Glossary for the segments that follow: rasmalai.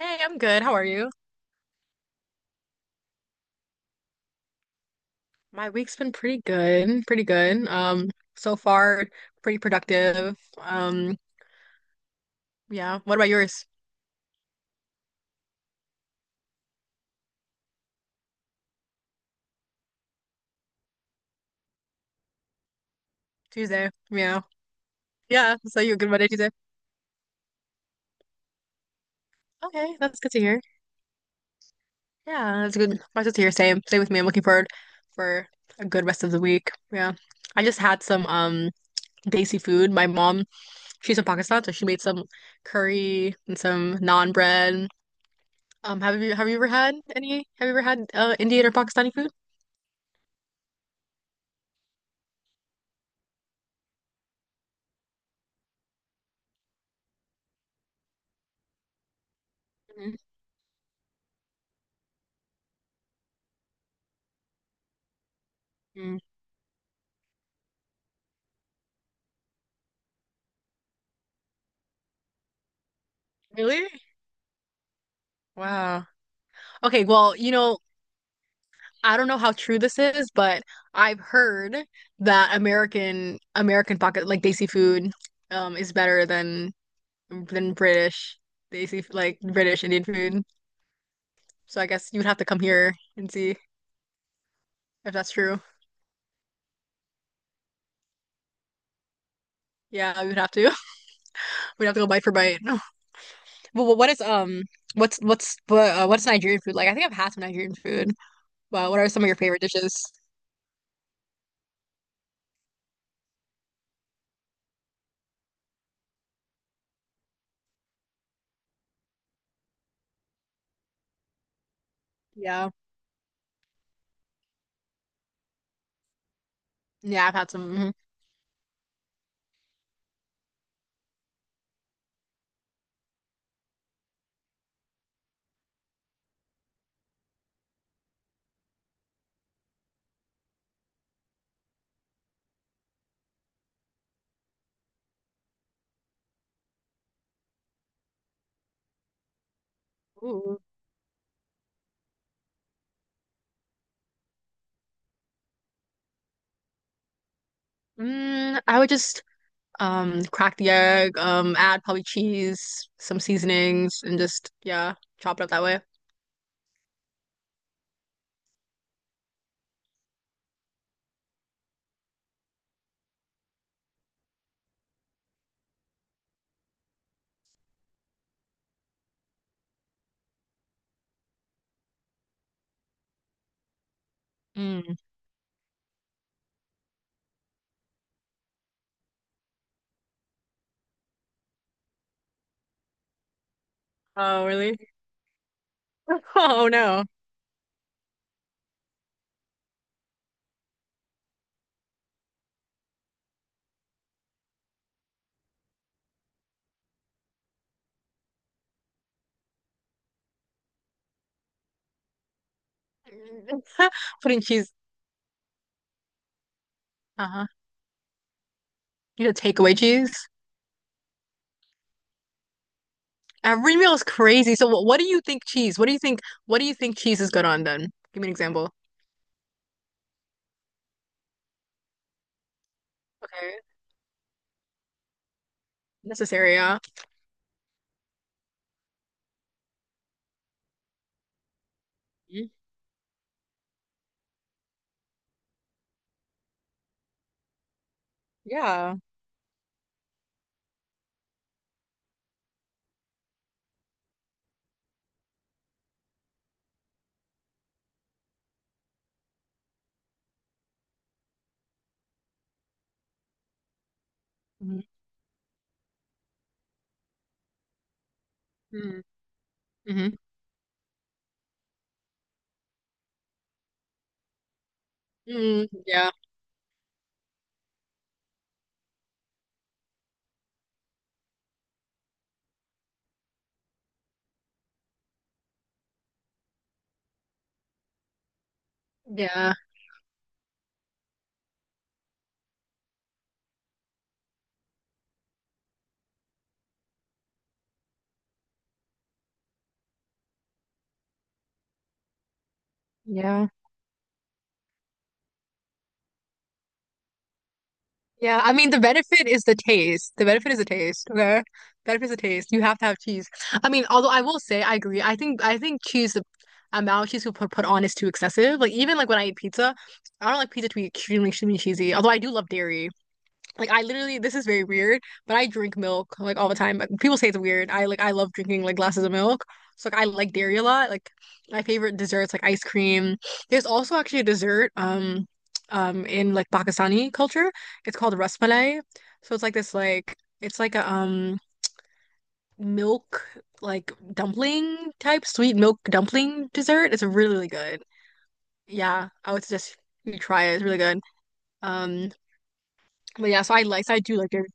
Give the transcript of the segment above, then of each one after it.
Hey, I'm good. How are you? My week's been pretty good, pretty good. So far, pretty productive. Yeah. What about yours? Tuesday. Yeah. Yeah. So you're good Monday, Tuesday. Okay, that's good to hear. Yeah, that's good. That's good to hear. Same. Same with me. I'm looking forward for a good rest of the week. Yeah. I just had some desi food. My mom, she's from Pakistan, so she made some curry and some naan bread. Have you ever had any? Have you ever had Indian or Pakistani food? Mhm. Mm. Really? Wow. Okay, well, you know, I don't know how true this is, but I've heard that American pocket like desi food is better than British desi like British Indian food. So I guess you'd have to come here and see if that's true. Yeah, we'd have to. We'd have to go bite for bite. But wh- what is what's what, what's Nigerian food like? I think I've had some Nigerian food. Wow, what are some of your favorite dishes? Yeah. Yeah, I've had some. Mhm. Ooh. Mm, I would just crack the egg, add probably cheese, some seasonings, and just, yeah, chop it up that way. Mm. Oh, really? Oh, no. Putting cheese. Uh-huh. You know, takeaway cheese. Every meal is crazy. So what do you think cheese? What do you think? What do you think cheese is good on then? Give me an example. Okay. Necessary, yeah. Mm. Yeah. Mm-hmm. Mm-hmm. Mm, yeah. Yeah. Yeah. Yeah, I mean the benefit is the taste. The benefit is the taste, okay? Benefit is the taste. You have to have cheese. I mean, although I will say I agree. I think cheese the amount of cheese people put on is too excessive. Like even like when I eat pizza, I don't like pizza to be extremely, extremely cheesy. Although I do love dairy. Like I literally, this is very weird, but I drink milk like all the time. Like, people say it's weird. I love drinking like glasses of milk. So like I like dairy a lot. Like my favorite desserts like ice cream. There's also actually a dessert in like Pakistani culture. It's called rasmalai. So it's like this like it's like a milk like dumpling type sweet milk dumpling dessert. It's really, really good. Yeah, I would suggest you try it. It's really good. Um, but yeah, so I do like dairy.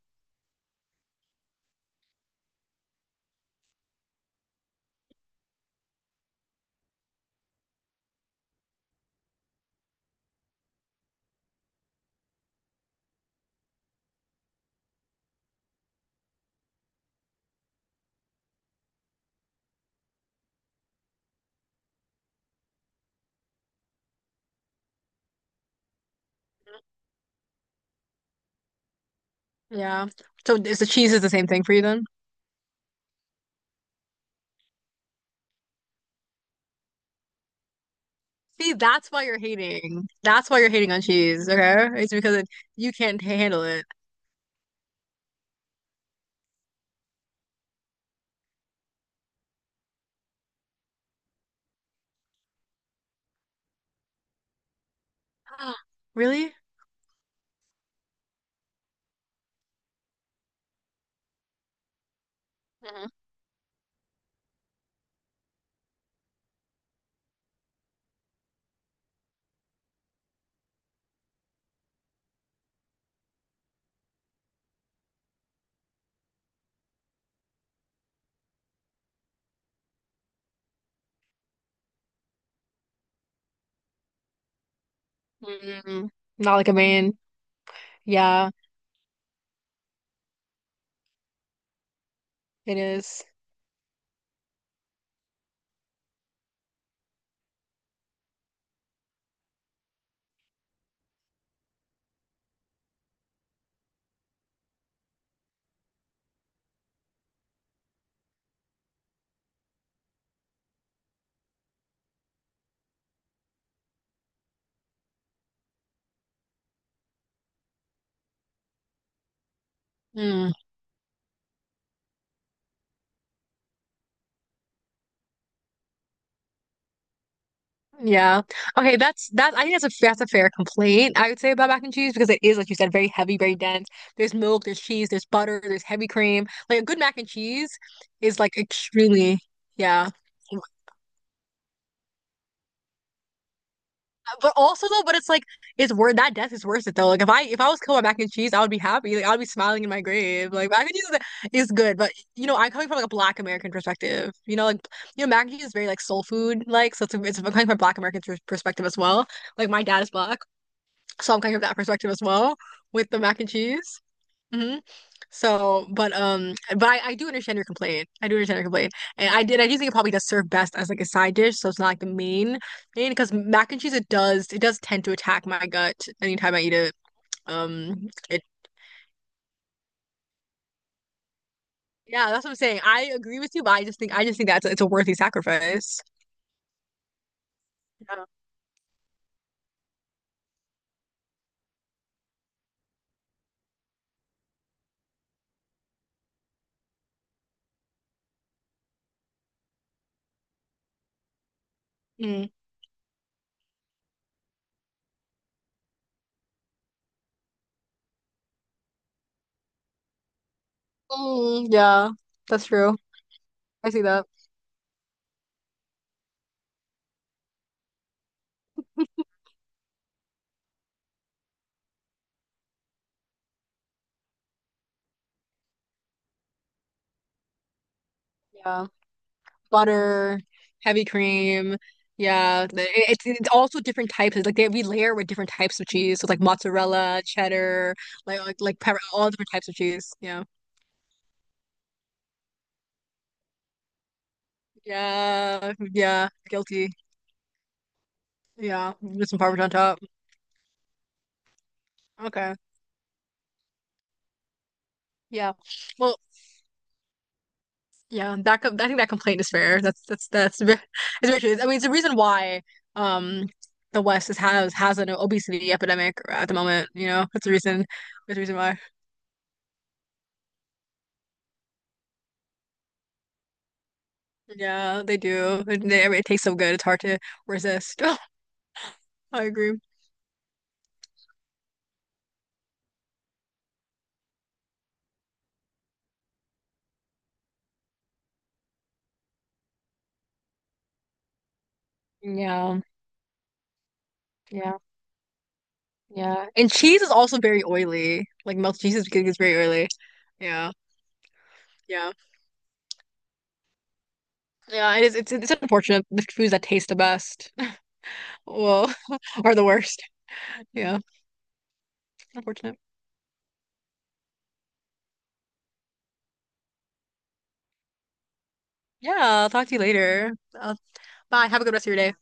Yeah. So is the cheese is the same thing for you then? See, that's why you're hating. That's why you're hating on cheese, okay? It's you can't handle it. Really? Mhm. Mm, not like a main. Yeah, it is. Mm, yeah. Okay, that's that. I think that's a That's a fair complaint, I would say, about mac and cheese because it is, like you said, very heavy, very dense. There's milk, there's cheese, there's butter, there's heavy cream. Like a good mac and cheese is like extremely, yeah. But it's like it's worth that death is worth it though. Like if I was killed by mac and cheese, I would be happy. Like I'd be smiling in my grave. Like mac and cheese is good, but you know, I'm coming from like a Black American perspective. You know, like you know, mac and cheese is very like soul food like, so it's I'm coming from a Black American perspective as well. Like my dad is black, so I'm coming from that perspective as well with the mac and cheese. Mhm. So, but I do understand your complaint. I do understand your complaint, and I did. I do think it probably does serve best as like a side dish, so it's not like the main. Because mac and cheese, it does tend to attack my gut anytime I eat it. Um, it yeah, that's what I'm saying. I agree with you, but I just think that's it's a worthy sacrifice. Yeah. Mm. Mm, yeah, that's true. I see that. Yeah. Butter, heavy cream. Yeah, it's also different types. It's like they we layer with different types of cheese, so it's like mozzarella, cheddar, like pepper, all different types of cheese. Yeah, yeah. Guilty. Yeah, with some Parmesan on top. Okay. Yeah. Well, yeah. I think that complaint is fair. It's very true. I mean, it's the reason why um the has an obesity epidemic at the moment. You know, that's the reason. That's the reason why. Yeah, they do. And they, I mean, it tastes so good. It's hard to resist. I agree. Yeah, yeah, yeah. And cheese is also very oily. Like melted cheese is very oily. Yeah, yeah, yeah. It is. It's unfortunate. The foods that taste the best, well, are the worst. Yeah, unfortunate. Yeah, I'll talk to you later. Uh, Bye. Have a good rest of your day.